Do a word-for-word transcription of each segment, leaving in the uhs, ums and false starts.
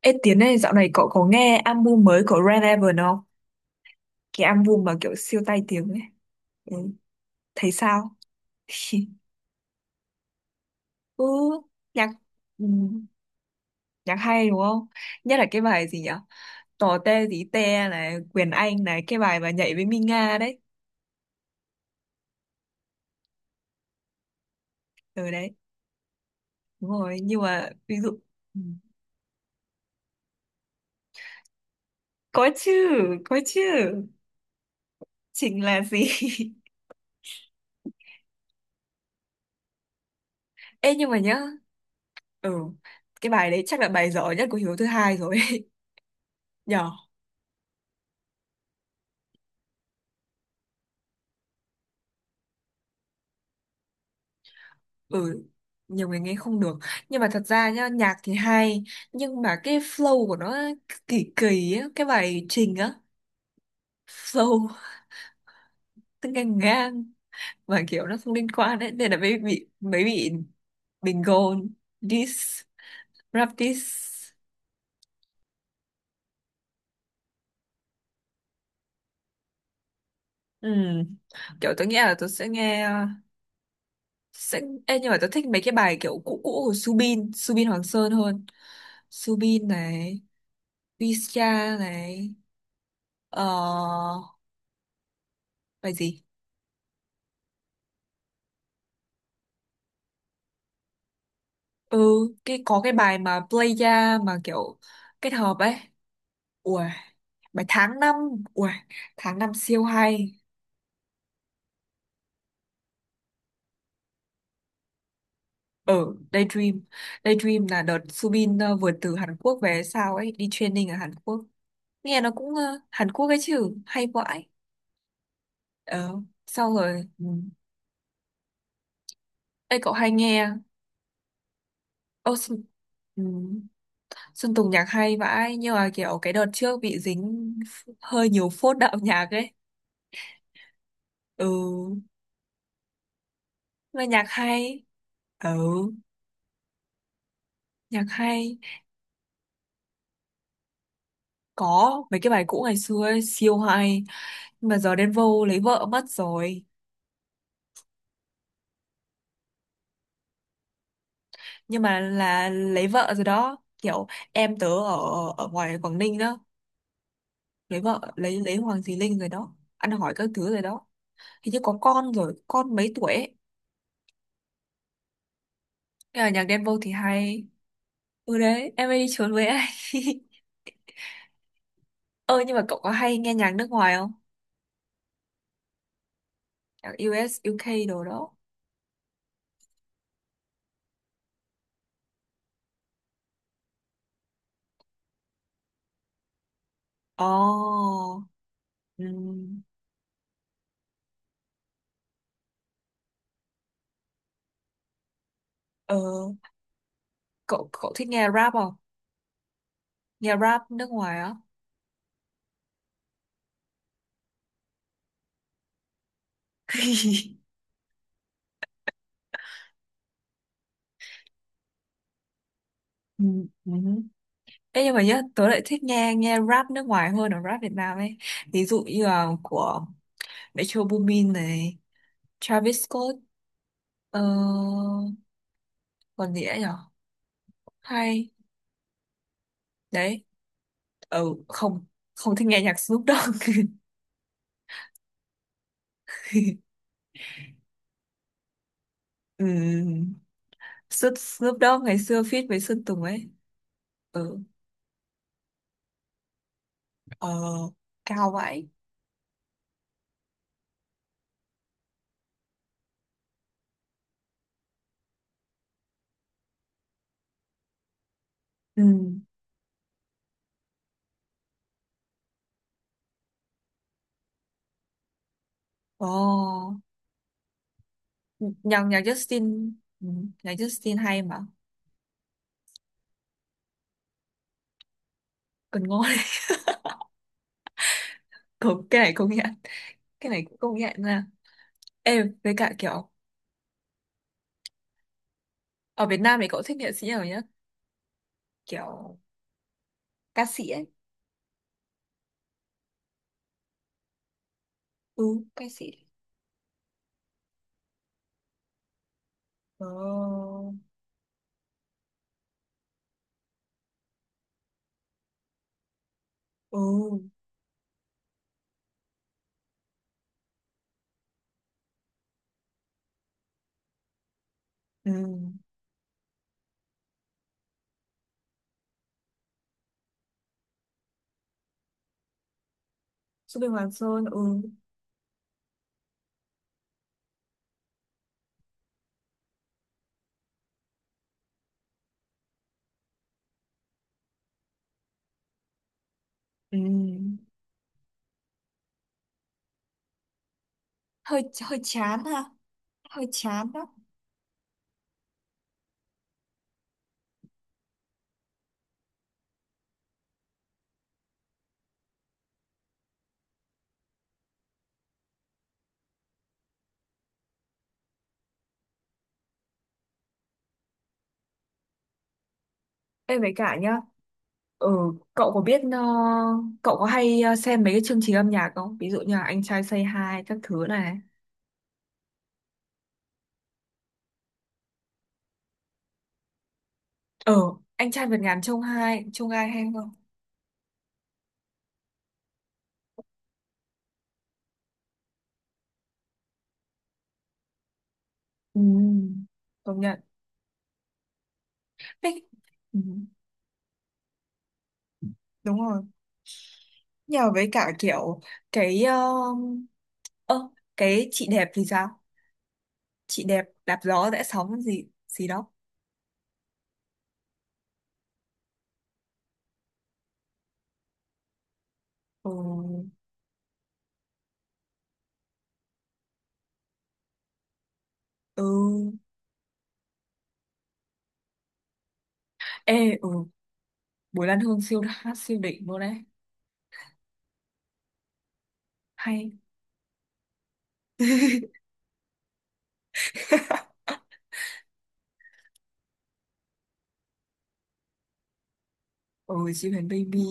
Ê Tiến này dạo này cậu có nghe album mới của Red Evan không? Cái album mà kiểu siêu tai tiếng ấy. Ừ, thấy sao? Ừ, nhạc ừ, nhạc hay đúng không? Nhất là cái bài gì nhỉ? Tò te tí te này, Quyền Anh này, cái bài mà nhảy với Minga đấy. Ừ đấy, đúng rồi. Nhưng mà ví dụ ừ. Có chứ, có chứ. Chính là gì? Ê nhưng mà nhá, ừ, cái bài đấy chắc là bài giỏi nhất của Hiếu thứ hai rồi. Nhở? Ừ, nhiều người nghe không được, nhưng mà thật ra nhá nhạc thì hay, nhưng mà cái flow của nó kỳ kỳ á, cái bài trình á, flow nó ngang ngang, mà kiểu nó không liên quan đấy, nên là mới bị mới bị bình gôn, diss, rap diss. Ừ. Kiểu tôi nghĩ là tôi sẽ nghe, sẽ. Ê, nhưng mà tôi thích mấy cái bài kiểu cũ cũ của Subin Subin Hoàng Sơn hơn. Subin này, Visa này, ờ bài gì. Ừ, cái có cái bài mà playa, mà kiểu kết hợp ấy, ui, bài tháng năm, ui, tháng năm siêu hay. Ở Daydream, Daydream là đợt Subin ờ, vừa từ Hàn Quốc về sao ấy, đi training ở Hàn Quốc. Nghe nó cũng ờ, Hàn Quốc ấy chứ, hay vãi. Ờ sau rồi ừ. Ê cậu hay nghe. Ô, Xuân, ừ. Xuân Tùng nhạc hay vãi, nhưng mà kiểu cái đợt trước bị dính hơi nhiều phốt đạo nhạc ấy. Ừ mà nhạc hay. Ừ, nhạc hay. Có mấy cái bài cũ ngày xưa ấy, siêu hay. Nhưng mà giờ đến vô lấy vợ mất rồi. Nhưng mà là lấy vợ rồi đó. Kiểu em tớ ở ở ngoài Quảng Ninh đó. Lấy vợ, lấy lấy Hoàng Thùy Linh rồi đó. Ăn hỏi các thứ rồi đó. Hình như có con rồi, con mấy tuổi ấy. Nhưng mà nhạc Đen Vâu thì hay. Ừ đấy, em ấy đi trốn với anh. Ơ nhưng mà cậu có hay nghe nhạc nước ngoài không? Nhạc u ét, u ca đồ đó. Ồ. Ừ. Ờ, cậu cậu thích nghe rap không? Nghe rap nước ngoài á. Ừ, ừ. Ê, nhưng mà nhá, tớ lại thích nghe nghe rap nước ngoài hơn là rap Việt Nam ấy. Ví dụ như là của Metro Boomin này, Travis Scott, ờ, còn gì nữa nhở? Hay, đấy, ừ, không, không thích nghe nhạc Snoop Dogg. Ừ. Snoop, Snoop Dogg ngày xưa feat với Sơn Tùng ấy. Ừ, ờ, cao vậy. Ừ, ồ, nhạc, nhạc Justin, ừ, nhạc Justin hay mà, còn ngon. Công, cái này công nhận, cái này cũng công nhận nha. Em với cả kiểu ở Việt Nam thì cậu thích nghệ sĩ nào nhá, kiểu ca sĩ ấy. Ừ, ca sĩ. Ờ, ừ, ừ, Su Bình Hoàng Sơn, ừ, ừ, hơi hơi chán ha, hơi chán đó. Em với cả nhá, ừ, cậu có biết ờ, cậu có hay ờ, xem mấy cái chương trình âm nhạc không, ví dụ như là Anh Trai Say Hi các thứ này. Ờ, Anh Trai Vượt Ngàn Chông Hai Chông Hai hay không. Ừ, công nhận. Ê, ừ. Đúng rồi, nhờ với cả kiểu cái um, ơ, cái chị đẹp thì sao, chị đẹp đạp gió rẽ sóng gì gì đó. Ừ, ừ, ê, ừ, Bùi Lan Hương siêu hát siêu đỉnh luôn đấy. Hay. Ừ, chị Huyền Baby,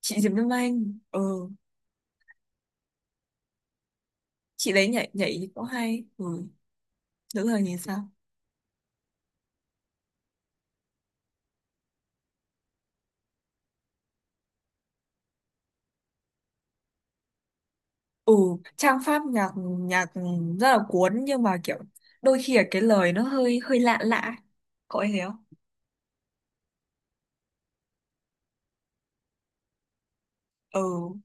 chị Diệp Lâm Anh, ừ, chị đấy nhảy nhảy thì cũng hay, ừ, nữ thời nhìn sao. Ừ, trang pháp nhạc, nhạc rất là cuốn, nhưng mà kiểu đôi khi là cái lời nó hơi hơi lạ lạ, có ai thấy thế không. Ừ.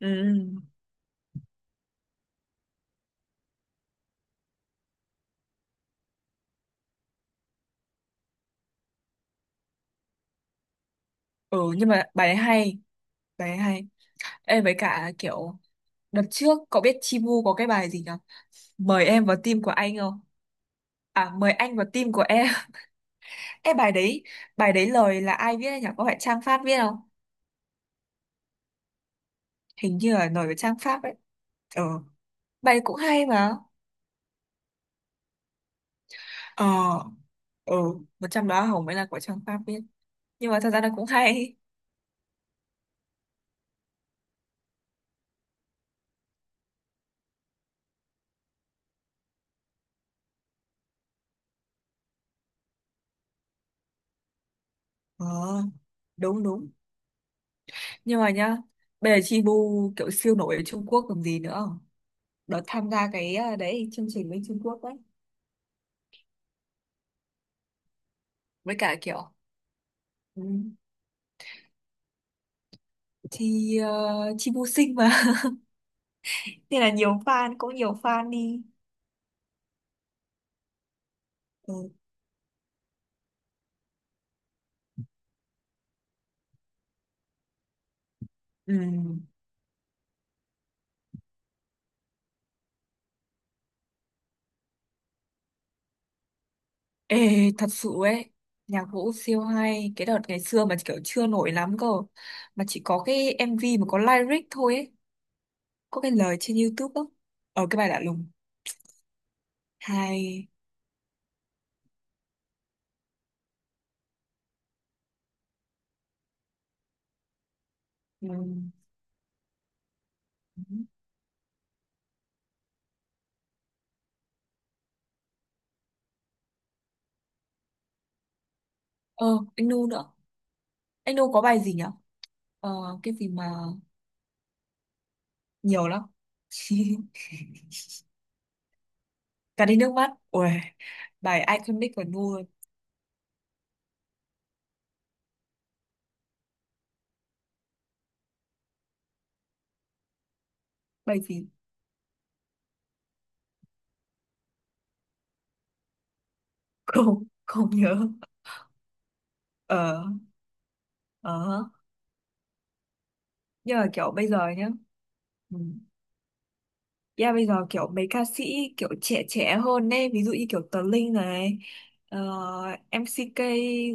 Ừ. Ừ nhưng mà bài ấy hay. Bài ấy hay. Ê với cả kiểu đợt trước cậu biết Chibu có cái bài gì nhở, mời em vào team của anh không, à mời anh vào team của em. Ê bài đấy. Bài đấy lời là ai viết ấy nhở? Có phải Trang Pháp viết không? Hình như là lời của Trang Pháp ấy. Ừ, bài cũng hay mà. Ờ, ừ, một trong đó Hồng mới là của Trang Pháp viết. Nhưng mà thật ra nó cũng hay. Ờ đúng đúng. Nhưng mà nhá, bây giờ Chibu kiểu siêu nổi ở Trung Quốc còn gì nữa, đợt tham gia cái ờ, đấy, chương trình bên Trung Quốc đấy. Với cả kiểu ừ, thì uh, chi vô sinh mà. Nên là nhiều fan, cũng nhiều fan đi. Ừ. Ừ. Ê, thật sự ấy, nhạc vũ siêu hay cái đợt ngày xưa mà kiểu chưa nổi lắm cơ, mà chỉ có cái em vê mà có lyric thôi ấy, có cái lời trên YouTube đó. Ở cái bài lạ lùng, hay, ừ. Ờ anh Nu nữa, anh Nu có bài gì nhở? Ờ cái gì mà nhiều lắm. Cả đi nước mắt, ui, bài iconic của Nu. Bài gì. Không không nhớ. Ờ, ờ, nhưng mà kiểu bây giờ nhá. Ừ. Yeah, bây giờ kiểu mấy ca sĩ kiểu trẻ trẻ hơn ấy, ví dụ như kiểu Tờ Linh này, ờ, em xê ca,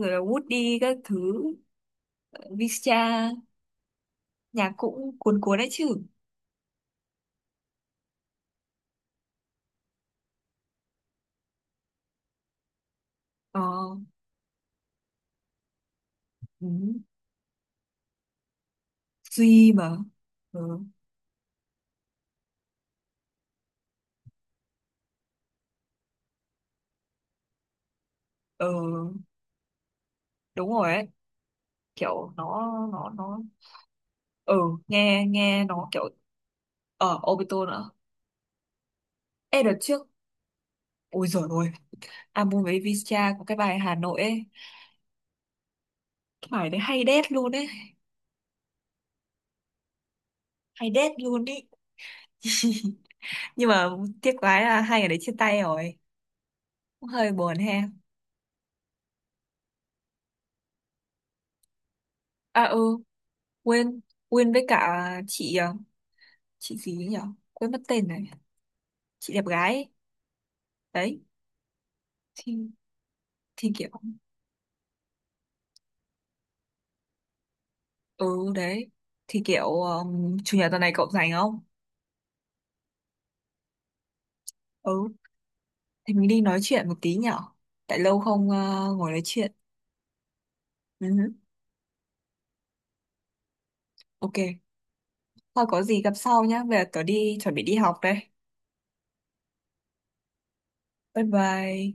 rồi là Woody các thứ, visa, nhạc cũng cuốn cuốn đấy chứ. Ờ. Ừ. Duy mà. Ừ. Ờ đúng rồi ấy, kiểu nó nó nó ừ, nghe nghe nó kiểu ở Obito nữa. Ê đợt trước, ôi giời ơi, album với Visca có cái bài Hà Nội ấy. Bài đấy hay đét luôn ấy. Hay đét luôn ý. Nhưng mà tiếc quá là hai người đấy chia tay rồi. Cũng hơi buồn ha. À ừ quên. Quên với cả chị à, chị gì ấy nhỉ, quên mất tên này. Chị đẹp gái ấy. Đấy. Thì, thì kiểu. Ừ đấy. Thì kiểu um, Chủ nhật tuần này cậu rảnh không? Ừ. Thì mình đi nói chuyện một tí nhở? Tại lâu không ờ, ngồi nói chuyện. Ừ, ok. Thôi có gì gặp sau nhá. Bây giờ tớ đi chuẩn bị đi học đây. Bye bye.